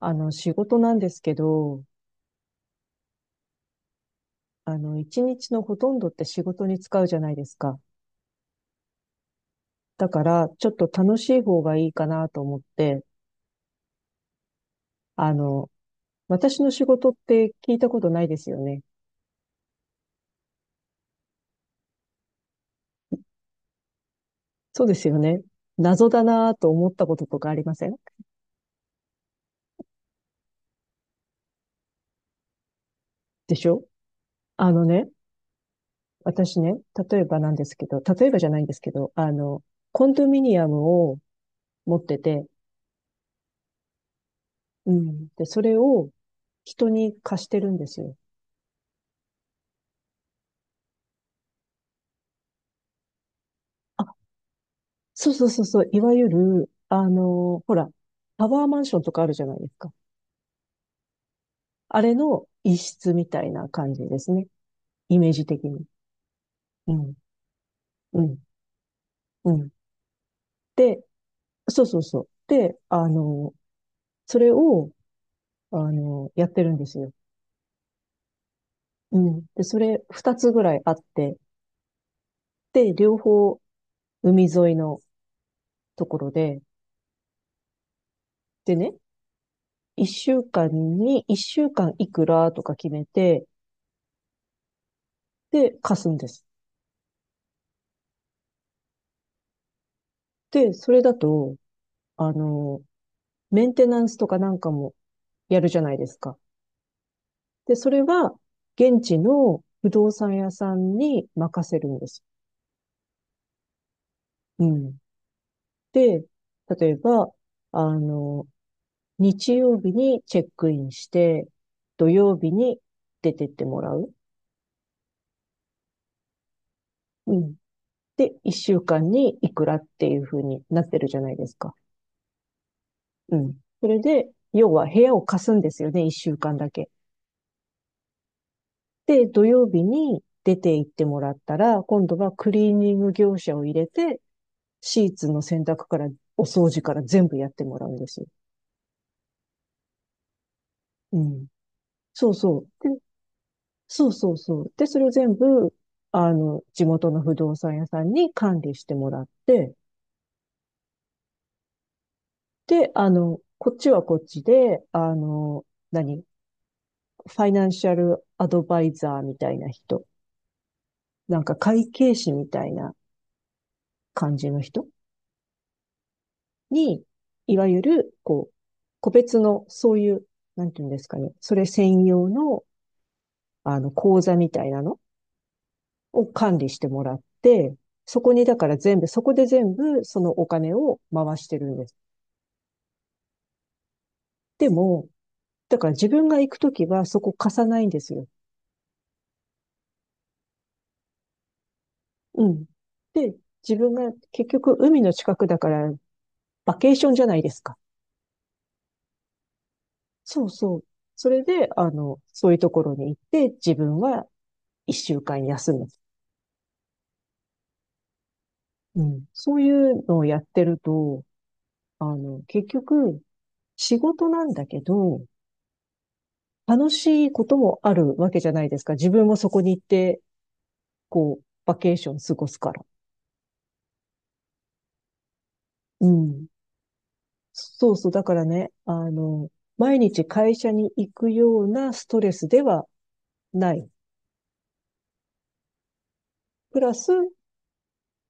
仕事なんですけど、一日のほとんどって仕事に使うじゃないですか。だから、ちょっと楽しい方がいいかなと思って、あの、私の仕事って聞いたことないですよね。そうですよね。謎だなと思ったこととかありませんでしょ。あのね、私ね、例えばなんですけど、例えばじゃないんですけど、コンドミニアムを持ってて、うん。で、それを人に貸してるんですよ。そうそうそうそう、いわゆる、あの、ほら、タワーマンションとかあるじゃないですか。あれの一室みたいな感じですね。イメージ的に。うん、うん、うん。で、そうそうそう。で、それを、やってるんですよ。うん。で、それ二つぐらいあって、で、両方海沿いのところで、でね、一週間に、一週間いくらとか決めて、で、貸すんです。で、それだと、あの、メンテナンスとかなんかもやるじゃないですか。で、それは現地の不動産屋さんに任せるんです。うん。で、例えば、あの、日曜日にチェックインして、土曜日に出てってもらう。うん。で、一週間にいくらっていう風になってるじゃないですか。うん。それで、要は部屋を貸すんですよね、一週間だけ。で、土曜日に出て行ってもらったら、今度はクリーニング業者を入れて、シーツの洗濯から、お掃除から全部やってもらうんですよ。うん。そうそう。で、そうそうそう。で、それを全部、地元の不動産屋さんに管理してもらって、で、あの、こっちはこっちで、何ファイナンシャルアドバイザーみたいな人、なんか会計士みたいな感じの人に、いわゆる、こう、個別の、そういう、なんていうんですかね、それ専用の、講座みたいなのを管理してもらって、そこにだから全部、そこで全部そのお金を回してるんです。でも、だから自分が行くときはそこ貸さないんですよ。うん。で、自分が結局海の近くだからバケーションじゃないですか。そうそう。それで、そういうところに行って自分は一週間休む。うん。そういうのをやってると、結局仕事なんだけど、楽しいこともあるわけじゃないですか。自分もそこに行って、こう、バケーション過ごすから。うん。そうそう。だからね、毎日会社に行くようなストレスではない。プラス、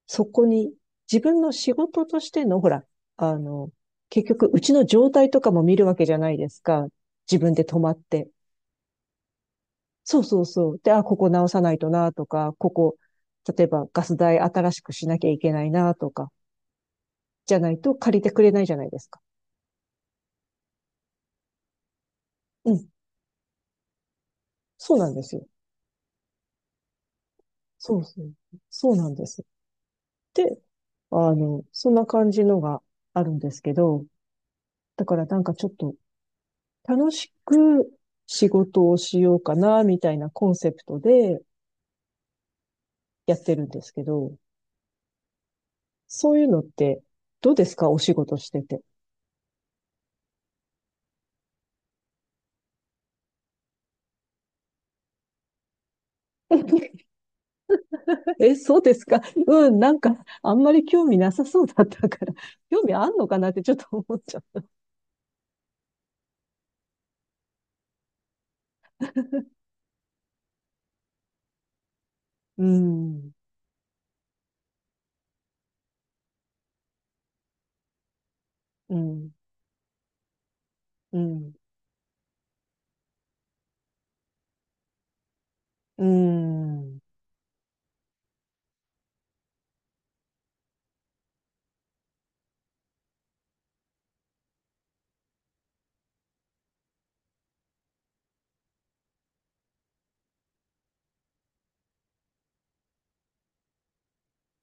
そこに自分の仕事としての、ほら、あの、結局、うちの状態とかも見るわけじゃないですか。自分で止まって。そうそうそう。で、あ、ここ直さないとなとか、ここ、例えばガス代新しくしなきゃいけないなとか、じゃないと借りてくれないじゃないですか。うん。そうなんですよ。そうそう。そうなんです。で、そんな感じのがあるんですけど、だからなんかちょっと楽しく仕事をしようかな、みたいなコンセプトでやってるんですけど、そういうのってどうですかお仕事してて。え、そうですか。うん、なんかあんまり興味なさそうだったから、興味あんのかなってちょっと思っちゃう。うん、うん、うん、うん。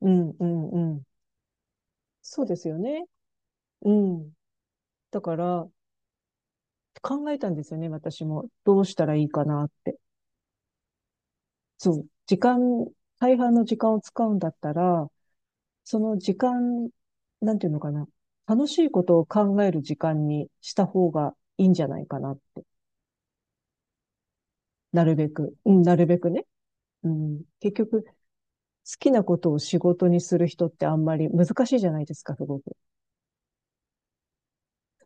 うんうんうん。そうですよね。うん。だから、考えたんですよね、私も。どうしたらいいかなって。そう。時間、大半の時間を使うんだったら、その時間、なんていうのかな。楽しいことを考える時間にした方がいいんじゃないかなって。なるべく。うん、なるべくね。うん。結局、好きなことを仕事にする人ってあんまり難しいじゃないですか、すごく。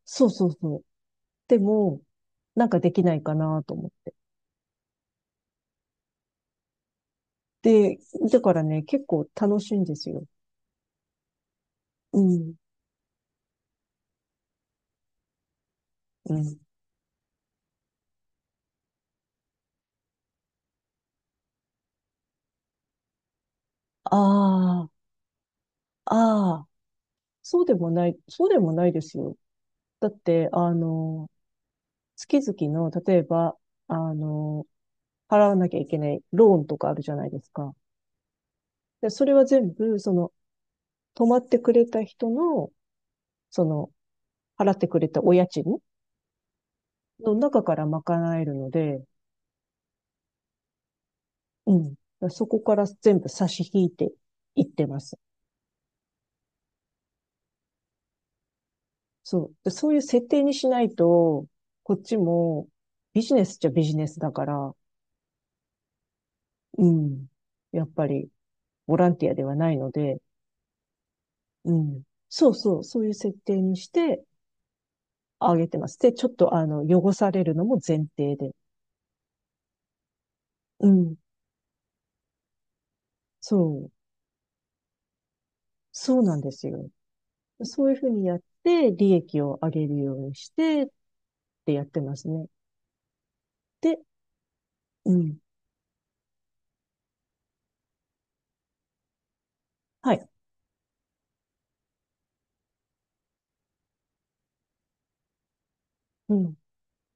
そうそうそう。でも、なんかできないかなと思って。で、だからね、結構楽しいんですよ。うん、うん。ああ、ああ、そうでもない、そうでもないですよ。だって、月々の、例えば、あの、払わなきゃいけないローンとかあるじゃないですか。で、それは全部、その、泊まってくれた人の、その、払ってくれたお家賃の中から賄えるので、うん。そこから全部差し引いていってます。そう。でそういう設定にしないと、こっちもビジネスっちゃビジネスだから、うん。やっぱりボランティアではないので、うん。そうそう、そういう設定にしてあげてます。で、ちょっとあの、汚されるのも前提で。うん。そう。そうなんですよ。そういうふうにやって、利益を上げるようにしてってやってますね。で、うん。はい。うん。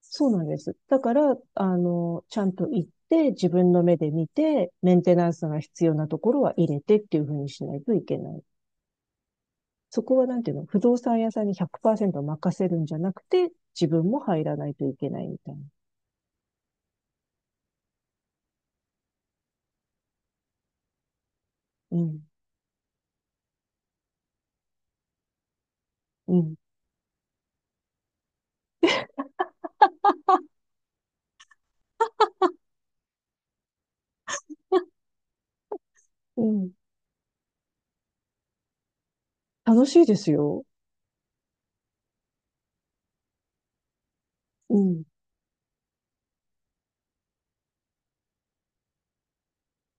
そうなんです。だから、ちゃんと行って、自分の目で見て、メンテナンスが必要なところは入れてっていうふうにしないといけない。そこはなんていうの、不動産屋さんに100%任せるんじゃなくて、自分も入らないといけないみたいな。うん、うん、うん。楽しいですよ。うん、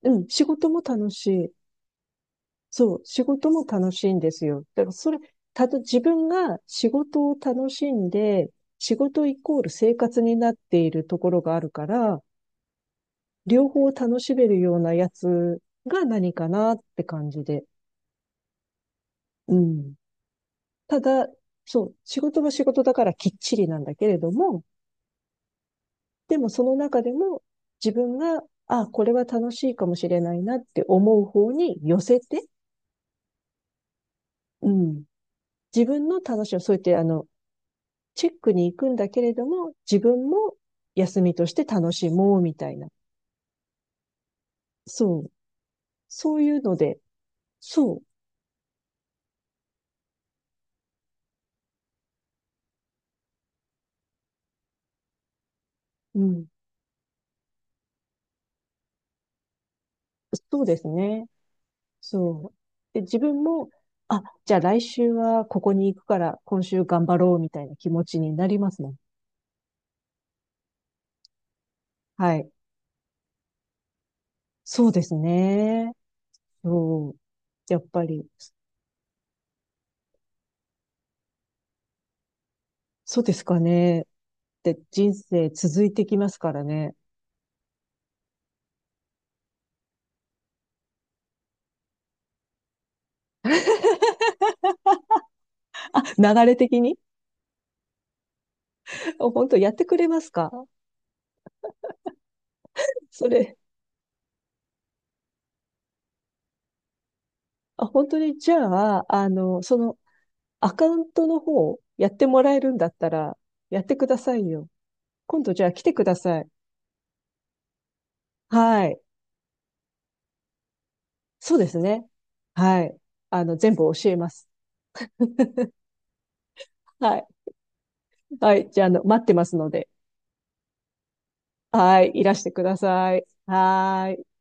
うん。仕事も楽しい。そう、仕事も楽しいんですよ。だからそれ、たと、自分が仕事を楽しんで、仕事イコール生活になっているところがあるから、両方楽しめるようなやつが何かなって感じで。うん。ただ、そう、仕事は仕事だからきっちりなんだけれども、でもその中でも自分が、あ、これは楽しいかもしれないなって思う方に寄せて、うん。自分の楽しみを、そうやってチェックに行くんだけれども、自分も休みとして楽しもうみたいな。そう。そういうので、そう。うん。そうですね。そう。で、自分も、あ、じゃあ来週はここに行くから今週頑張ろうみたいな気持ちになりますね。はい。そうですね。そう。やっぱり、そうですかね。で、人生続いてきますからね。流れ的に。本当やってくれますかそれ。あ、本当に、じゃあ、そのアカウントの方、やってもらえるんだったら、やってくださいよ。今度じゃあ来てください。はい。そうですね。はい。全部教えます。はい。はい。じゃあ、待ってますので。はい。いらしてください。はーい。